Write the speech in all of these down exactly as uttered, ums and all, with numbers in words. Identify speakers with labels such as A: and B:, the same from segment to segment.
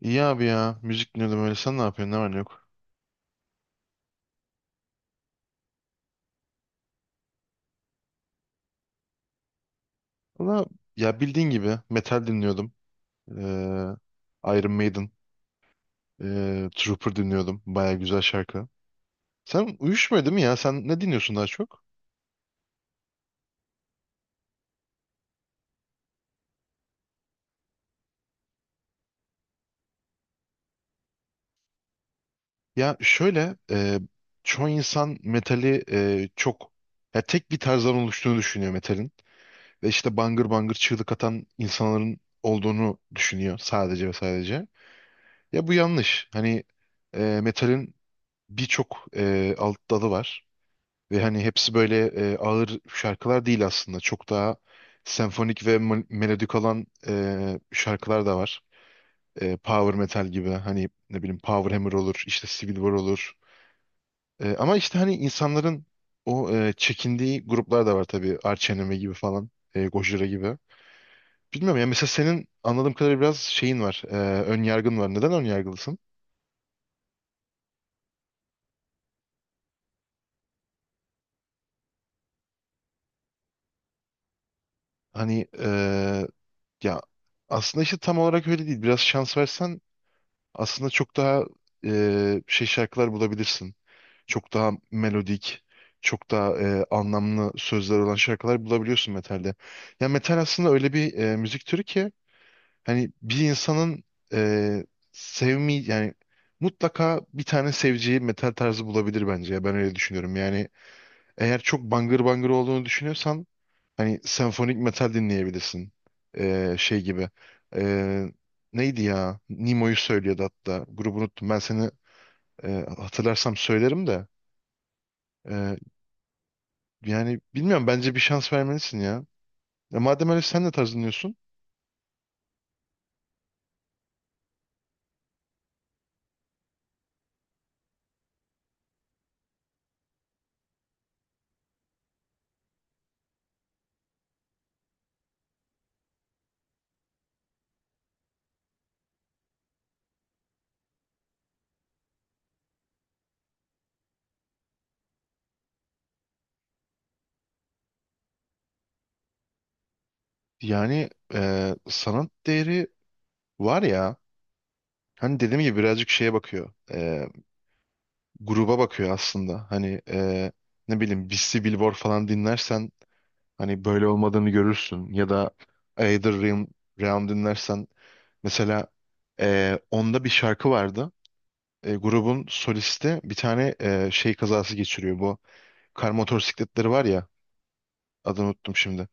A: İyi abi ya. Müzik dinliyordum öyle. Sen ne yapıyorsun? Ne var ne yok? Valla ya bildiğin gibi metal dinliyordum. Ee, Iron Maiden, ee, Trooper dinliyordum. Baya güzel şarkı. Sen uyuşmuyor değil mi ya? Sen ne dinliyorsun daha çok? Ya şöyle ee, çoğu insan metali ee, çok ya tek bir tarzdan oluştuğunu düşünüyor metalin. Ve işte bangır bangır çığlık atan insanların olduğunu düşünüyor sadece ve sadece. Ya bu yanlış. Hani ee, metalin birçok ee, alt dalı var. Ve hani hepsi böyle e, ağır şarkılar değil aslında. Çok daha senfonik ve mel- melodik olan e, şarkılar da var. E, power metal gibi hani ne bileyim Power Hammer olur, işte Civil War olur. E, ama işte hani insanların o e, çekindiği gruplar da var tabii. Arch Enemy gibi falan, e, Gojira gibi. Bilmiyorum ya mesela senin anladığım kadarıyla biraz şeyin var, e, ön yargın var. Neden ön yargılısın? Hani e, ya aslında işte tam olarak öyle değil. Biraz şans versen aslında çok daha e, şey şarkılar bulabilirsin. Çok daha melodik, çok daha e, anlamlı sözler olan şarkılar bulabiliyorsun metalde. Ya metal aslında öyle bir e, müzik türü ki hani bir insanın e, sevmi yani mutlaka bir tane seveceği metal tarzı bulabilir bence. Ya ben öyle düşünüyorum. Yani eğer çok bangır bangır olduğunu düşünüyorsan hani senfonik metal dinleyebilirsin. Ee, şey gibi. Ee, Neydi ya? Nemo'yu söylüyordu hatta. Grubu unuttum. Ben seni e, hatırlarsam söylerim de. Ee, Yani bilmiyorum. Bence bir şans vermelisin ya. E, madem öyle sen de tarz dinliyorsun. Yani e, sanat değeri var ya. Hani dediğim gibi birazcık şeye bakıyor. E, gruba bakıyor aslında. Hani e, ne bileyim Beastie Billboard falan dinlersen hani böyle olmadığını görürsün. Ya da Either Realm Round dinlersen mesela e, onda bir şarkı vardı. E, grubun solisti bir tane e, şey kazası geçiriyor. Bu kar motosikletleri var ya, adını unuttum şimdi.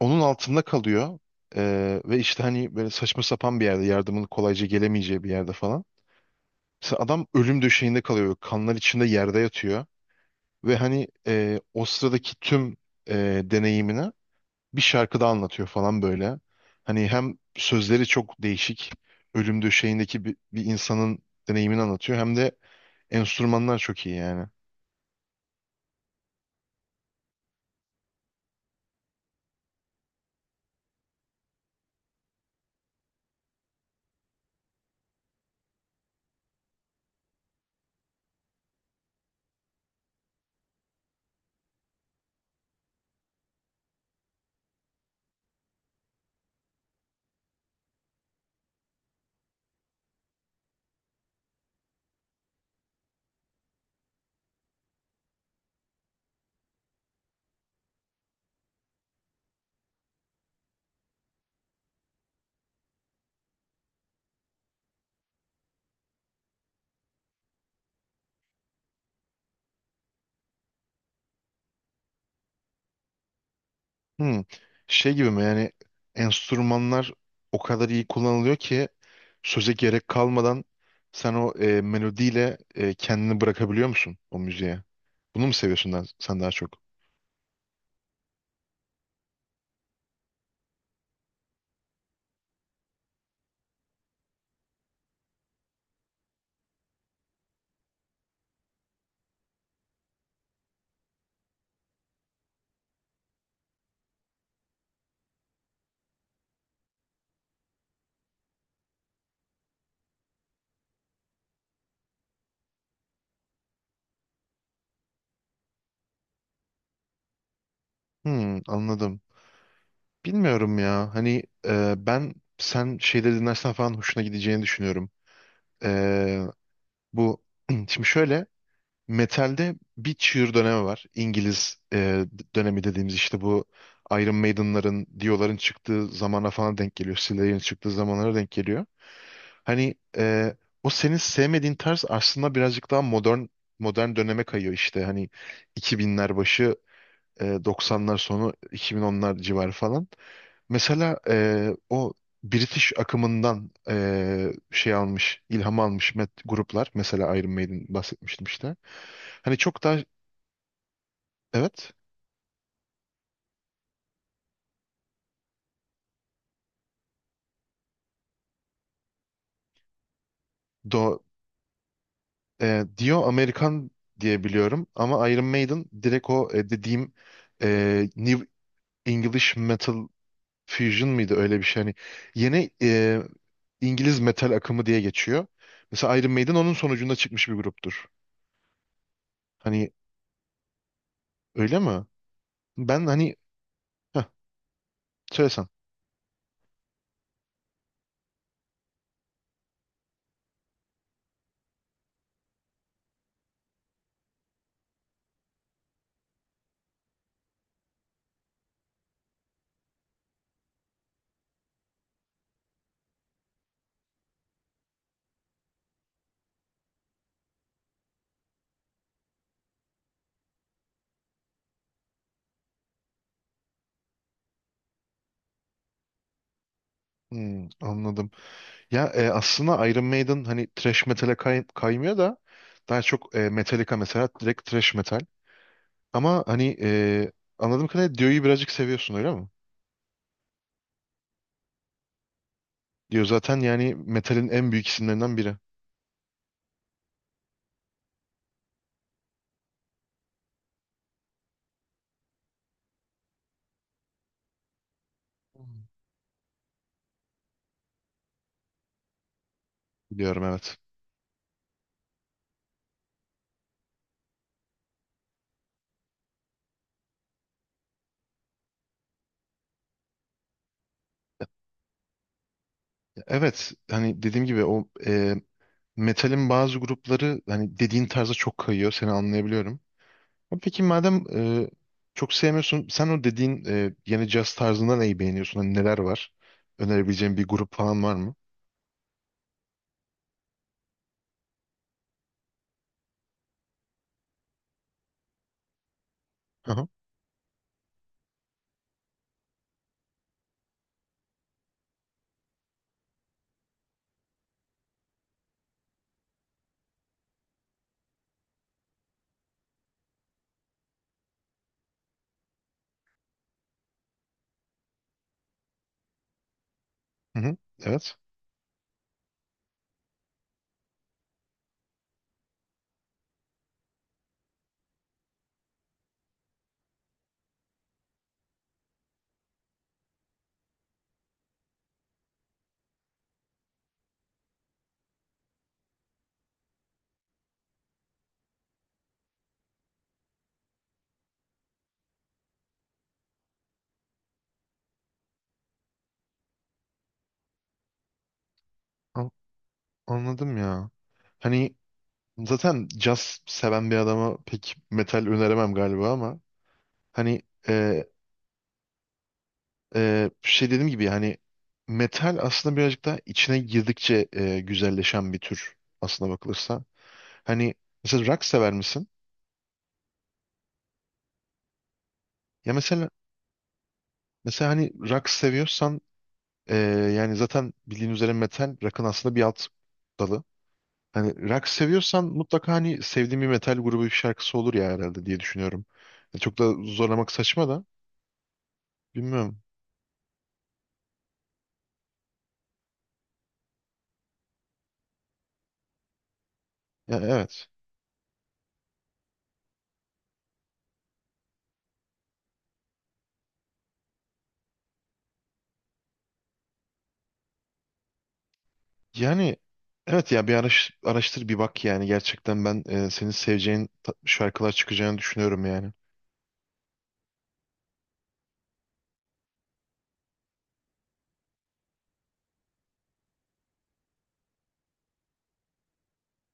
A: Onun altında kalıyor. E, Ve işte hani böyle saçma sapan bir yerde, yardımın kolayca gelemeyeceği bir yerde falan. Mesela adam ölüm döşeğinde kalıyor. Kanlar içinde yerde yatıyor. Ve hani e, o sıradaki tüm e, deneyimini bir şarkıda anlatıyor falan böyle. Hani hem sözleri çok değişik, ölüm döşeğindeki bir, bir insanın deneyimini anlatıyor, hem de enstrümanlar çok iyi yani. Hmm. Şey gibi mi yani, enstrümanlar o kadar iyi kullanılıyor ki söze gerek kalmadan sen o e, melodiyle e, kendini bırakabiliyor musun o müziğe? Bunu mu seviyorsun daha- sen daha çok? Hmm, anladım. Bilmiyorum ya. Hani e, ben sen şeyleri dinlersen falan hoşuna gideceğini düşünüyorum. E, Bu şimdi şöyle, metalde bir çığır dönemi var. İngiliz e, dönemi dediğimiz işte bu Iron Maiden'ların, Dio'ların çıktığı zamana falan denk geliyor. Slayer'in çıktığı zamanlara denk geliyor. Hani e, o senin sevmediğin tarz aslında birazcık daha modern, modern döneme kayıyor işte. Hani iki binler başı, e, doksanlar sonu, iki bin onlar civarı falan. Mesela eee, o British akımından eee, şey almış, ilham almış met gruplar. Mesela Iron Maiden bahsetmiştim işte. Hani çok daha evet do, eee, Dio Amerikan diye biliyorum ama Iron Maiden direkt o e, dediğim eee, New English Metal Fusion mıydı öyle bir şey. Hani yeni eee, İngiliz metal akımı diye geçiyor. Mesela Iron Maiden onun sonucunda çıkmış bir gruptur. Hani öyle mi? Ben hani heh, söylesen. Hmm, anladım. Ya e, aslında Iron Maiden hani thrash metal'e kay- kaymıyor da daha çok e, Metallica mesela direkt thrash metal. Ama hani e, anladığım kadarıyla Dio'yu birazcık seviyorsun öyle mi? Dio zaten yani metalin en büyük isimlerinden biri. Hmm. Biliyorum, evet. Evet, hani dediğim gibi o e, metalin bazı grupları hani dediğin tarza çok kayıyor, seni anlayabiliyorum. Ama peki madem e, çok sevmiyorsun sen o dediğin e, yeni caz tarzında neyi beğeniyorsun? Hani neler var? Önerebileceğin bir grup falan var mı? Hı hı. Evet. An- anladım ya. Hani zaten caz seven bir adama pek metal öneremem galiba ama hani e, e, şey dediğim gibi hani metal aslında birazcık daha içine girdikçe e, güzelleşen bir tür aslına bakılırsa. Hani mesela rock sever misin? Ya mesela mesela hani rock seviyorsan e, yani zaten bildiğin üzere metal rock'ın aslında bir alt dalı. Hani rock seviyorsan mutlaka hani sevdiğin bir metal grubu bir şarkısı olur ya herhalde diye düşünüyorum. Ya çok da zorlamak saçma da bilmiyorum. Ya evet. Yani evet ya, bir araş- araştır bir bak yani gerçekten ben e, senin seveceğin ta- şarkılar çıkacağını düşünüyorum yani.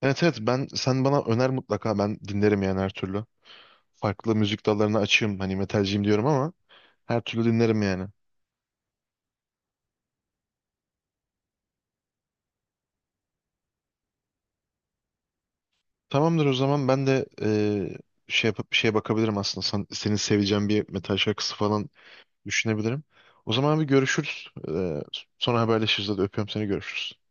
A: Evet evet, ben sen bana öner mutlaka, ben dinlerim yani her türlü. Farklı müzik dallarına açığım, hani metalciyim diyorum ama her türlü dinlerim yani. Tamamdır o zaman, ben de e, şey yapıp bir şeye bakabilirim aslında. Sen, senin seveceğin bir metal şarkısı falan düşünebilirim. O zaman bir görüşürüz. Ee, sonra haberleşiriz. Hadi öpüyorum seni, görüşürüz.